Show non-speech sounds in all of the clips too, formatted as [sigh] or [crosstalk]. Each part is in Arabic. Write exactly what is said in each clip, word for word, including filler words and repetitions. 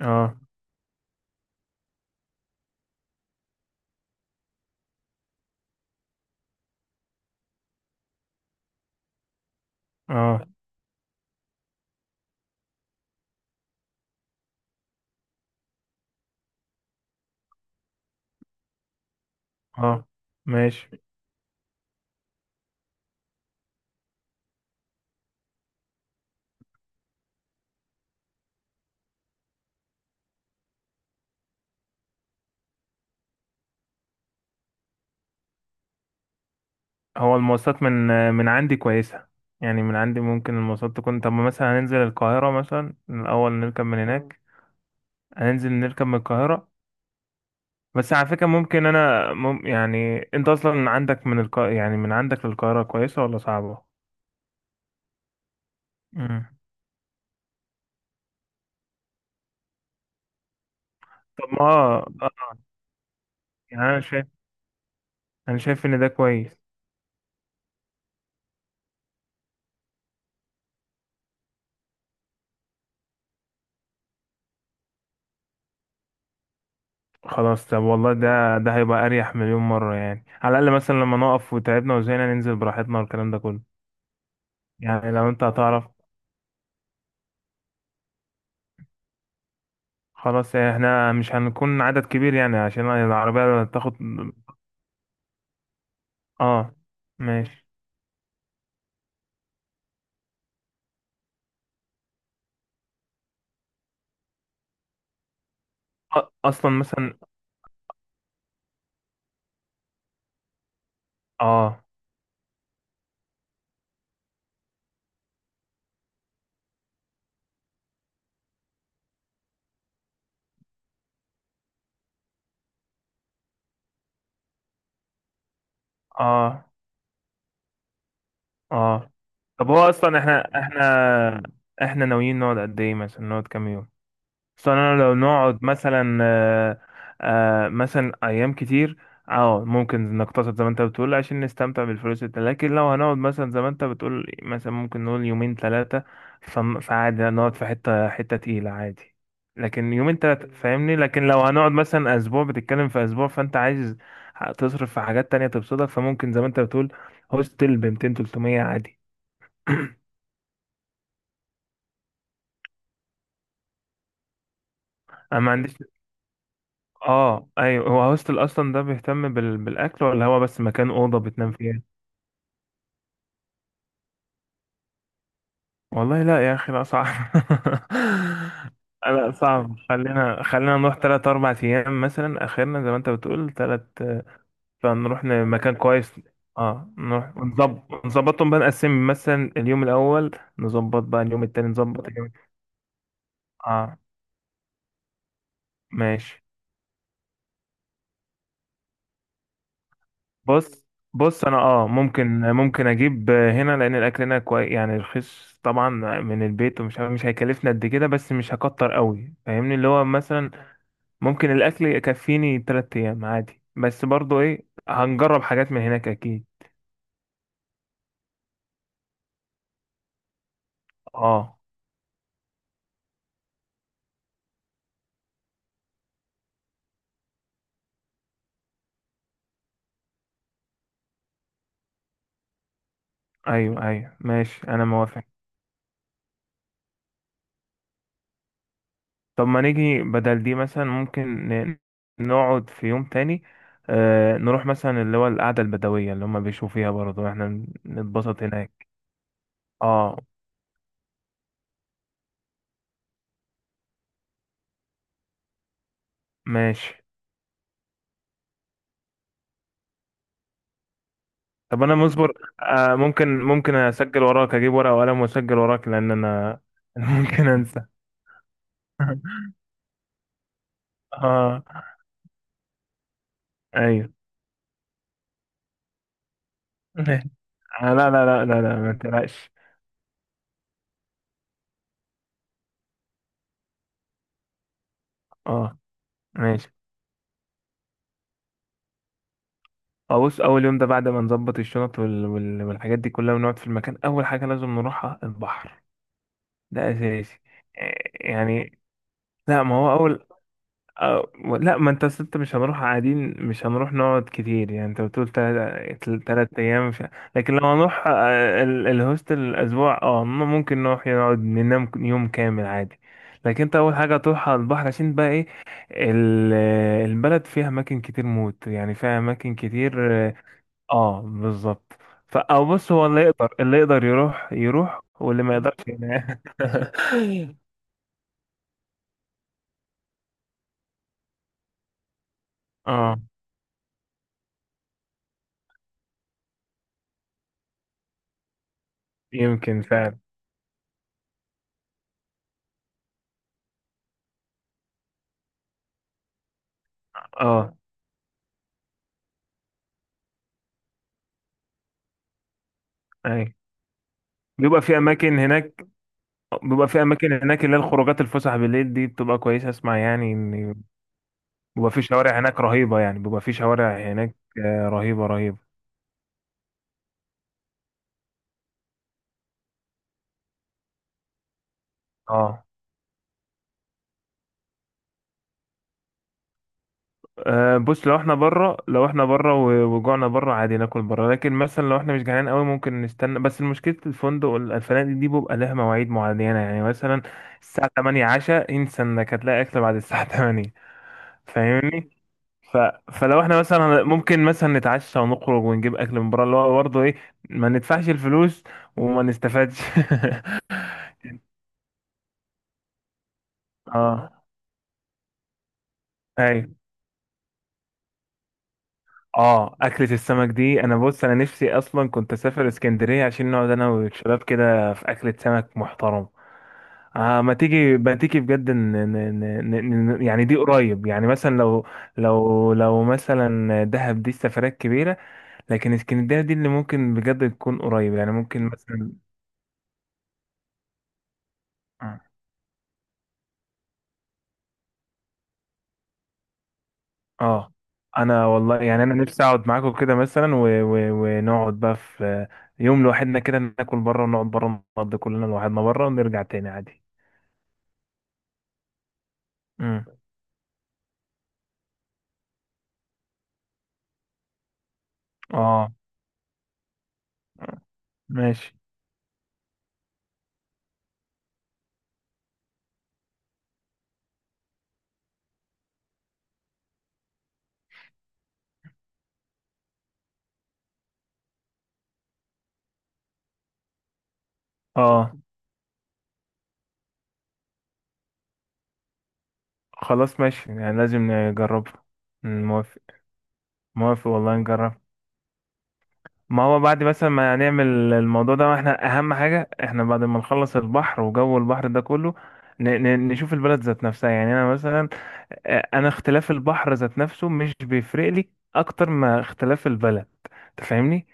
اه، اه، اه، ماشي. هو المواصلات من من عندي كويسة، يعني من عندي ممكن المواصلات تكون. طب مثلا هننزل القاهرة مثلا الأول، نركب من هناك، هننزل نركب من القاهرة. بس على فكرة ممكن أنا مم يعني أنت أصلا عندك من الق... يعني من عندك للقاهرة كويسة ولا صعبة؟ مم. طب ما آه، آه، يعني أنا شايف أنا شايف إن ده كويس. خلاص، طب والله ده ده هيبقى أريح مليون مرة، يعني على الأقل مثلا لما نقف وتعبنا وزهقنا ننزل براحتنا والكلام ده كله. يعني لو انت هتعرف. خلاص، يعني احنا مش هنكون عدد كبير يعني عشان العربية تاخد. اه، ماشي. أ- اصلا مثلا. اه، اه، اه، طب هو اصلا احنا احنا احنا ناويين نقعد قد ايه، مثلا نقعد كام يوم؟ اصل انا لو نقعد مثلا آه، آه، مثلا ايام كتير. اه ممكن نقتصد زي ما انت بتقول عشان نستمتع بالفلوس الت- لكن لو هنقعد مثلا زي ما انت بتقول، مثلا ممكن نقول يومين ثلاثة. فعادي نقعد في حتة حتة تقيلة عادي، لكن يومين ثلاثة فاهمني. لكن لو هنقعد مثلا اسبوع، بتتكلم في اسبوع فانت عايز تصرف في حاجات تانية تبسطك، فممكن زي ما انت بتقول هوستل ب ميتين تلتميه عادي. انا ما عنديش. اه ايوه، هو هوستل اصلا ده بيهتم بال... بالاكل، ولا هو بس مكان اوضه بتنام فيها؟ والله لا يا اخي، لا صعب. [laughs] لا صعب. خلينا خلينا نروح تلات اربع ايام مثلا اخرنا، زي ما انت بتقول تلات. فنروح لمكان كويس. اه نروح ونظبط، نظبطهم بقى، نقسم مثلا اليوم الاول، نظبط بقى اليوم التاني، نظبط اليوم. اه، ماشي. بص بص. انا اه ممكن ممكن اجيب هنا لان الاكل هنا كويس يعني رخيص طبعا، من البيت، ومش عارف- مش هيكلفني قد كده، بس مش هكتر قوي فاهمني، اللي هو مثلا ممكن الاكل يكفيني تلات ايام عادي. بس برضو ايه، هنجرب حاجات من هناك اكيد. اه، ايوه، ايوه، ماشي، انا موافق. طب ما نيجي بدل دي، مثلا ممكن ن- نقعد في يوم تاني، آه نروح مثلا اللي هو القعدة البدوية اللي هم بيشوفوا فيها، برضو احنا نتبسط هناك. اه، ماشي. طب انا مصبر. آه ممكن ممكن اسجل وراك، اجيب ورقه وقلم واسجل وراك لان انا [laughs] أنا ممكن انسى. [laughs] اه، ايوه. [laughs] ماشي. آه، لا، لا، لا، لا، لا، ما تقلقش. اه، ماشي. آه، بص اول يوم ده بعد ما نظبط الشنط وال... وال... والحاجات دي كلها، ونقعد في المكان، اول حاجه لازم نروحها البحر، ده اساسي. آه، يعني لا ما هو اول. أه لا ما انت أصل انت مش هنروح قاعدين، مش هنروح نقعد كتير يعني. انت بتقول تلات تلات ايام مش... لكن لو هنروح آه، ال- الهوستل الاسبوع، اه م- ممكن نروح نقعد ننام يوم كامل عادي. لكن انت اول حاجه تروح على البحر عشان بقى ايه، ال- البلد فيها اماكن كتير موت، يعني فيها اماكن كتير اه، آه، بالظبط. فا او بص هو اللي يقدر اللي يقدر يروح يروح، واللي ما يقدرش ينام. [laughs] اه، يمكن فعلا. اه، اي. بيبقى في اماكن هناك بيبقى في اماكن هناك اللي هي الخروجات، الفسح بالليل دي بتبقى كويسه، اسمع يعني ان بيبقى في شوارع هناك رهيبه يعني بيبقى في شوارع هناك آه، رهيبه رهيبه. اه، آه، بص لو احنا بره، لو احنا بره وجوعنا بره عادي ناكل بره. لكن مثلا لو احنا مش جعانين قوي ممكن نستنى، بس مشكله الفندق وال- الفنادق دي بيبقى لها مواعيد معينه، يعني مثلا الساعه ثمانية عشاء، انسى انك هتلاقي اكل بعد الساعه [laughs] ثمانية فاهمني. ف... فلو احنا مثلا ممكن مثلا نتعشى ونخرج ونجيب اكل من بره، اللي هو برضه ايه، ما ندفعش الفلوس وما نستفادش. [laughs] اه، ايوه. اه، اكلة السمك دي انا بص، انا نفسي اصلا كنت اسافر اسكندرية عشان نقعد انا والشباب كده في اكلة سمك محترم. آه ما تيجي، ما تيجي بجد ن... ن... ن... ن... ن- يعني دي قريب، يعني مثلا لو لو لو مثلا دهب دي السفرات كبيرة، لكن اسكندرية دي اللي ممكن بجد تكون قريب يعني ممكن مثلا. آه. اه انا والله يعني انا نفسي اقعد معاكم كده مثلا و... و... ونقعد بقى في يوم لوحدنا كده، ناكل بره ونقعد بره، نقضي كلنا لوحدنا بره ونرجع تاني عادي. امم. اه، ماشي. اه، خلاص ماشي، يعني لازم نجربها. أمم، موافق. موافق والله نجرب. ما هو بعد مثلا ما نعمل الموضوع ده احنا، اهم حاجة احنا بعد ما نخلص البحر وجو البحر ده كله ن- ن- نشوف البلد ذات نفسها. يعني انا مثلا آه، انا اختلاف البحر ذات نفسه مش بيفرق لي اكتر ما اختلاف البلد، تفهمني.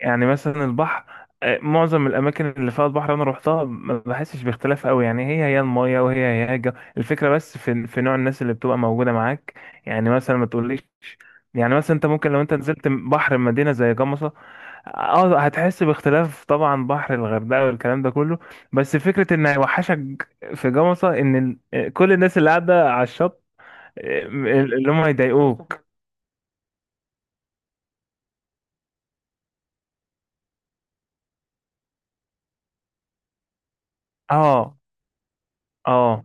يعني مثلا البحر آه، معظم الاماكن اللي فيها البحر انا روحتها ما بحسش باختلاف قوي، يعني هي هي المايه وهي هي الجو. الفكره بس في في نوع الناس اللي بتبقى موجوده معاك. يعني مثلا ما تقوليش، يعني مثلا انت ممكن لو انت نزلت بحر مدينه زي جمصه، اه هتحس باختلاف طبعا، بحر الغردقه والكلام ده كله. بس فكره ان هيوحشك في جمصه ان ال- آه، كل الناس اللي قاعده على الشط آه، اللي هم مش يضايقوك صاحبك. اه، اه،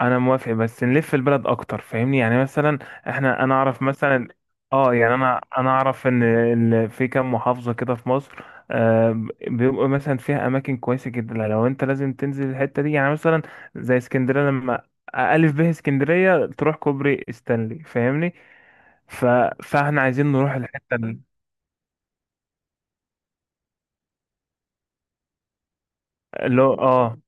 انا موافق، بس نلف البلد اكتر فاهمني. يعني مثلا احنا، انا اعرف مثلا اه يعني انا انا اعرف ان ال- في كام محافظه كده في مصر آه بيبقوا مثلا فيها اماكن كويسه جدا، لو انت لازم تنزل الحته دي. يعني مثلا زي اسكندريه لما الف به اسكندريه تروح كوبري ستانلي فاهمني. ف... فاحنا عايزين نروح الحته ال- اللي هو اه.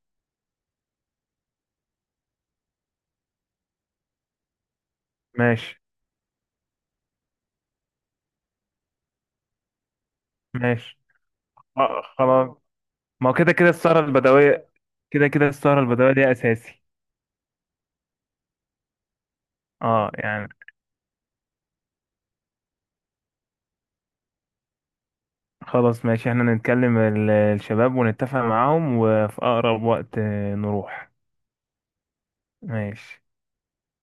ماشي، ماشي. اه، خلاص. ما هو كده كده السهره البدويه، كده كده السهره البدويه دي اساسي. اه يعني خلاص ماشي، احنا نتكلم ال- الشباب ونتفق معاهم، وفي أقرب وقت آه، نروح. ماشي.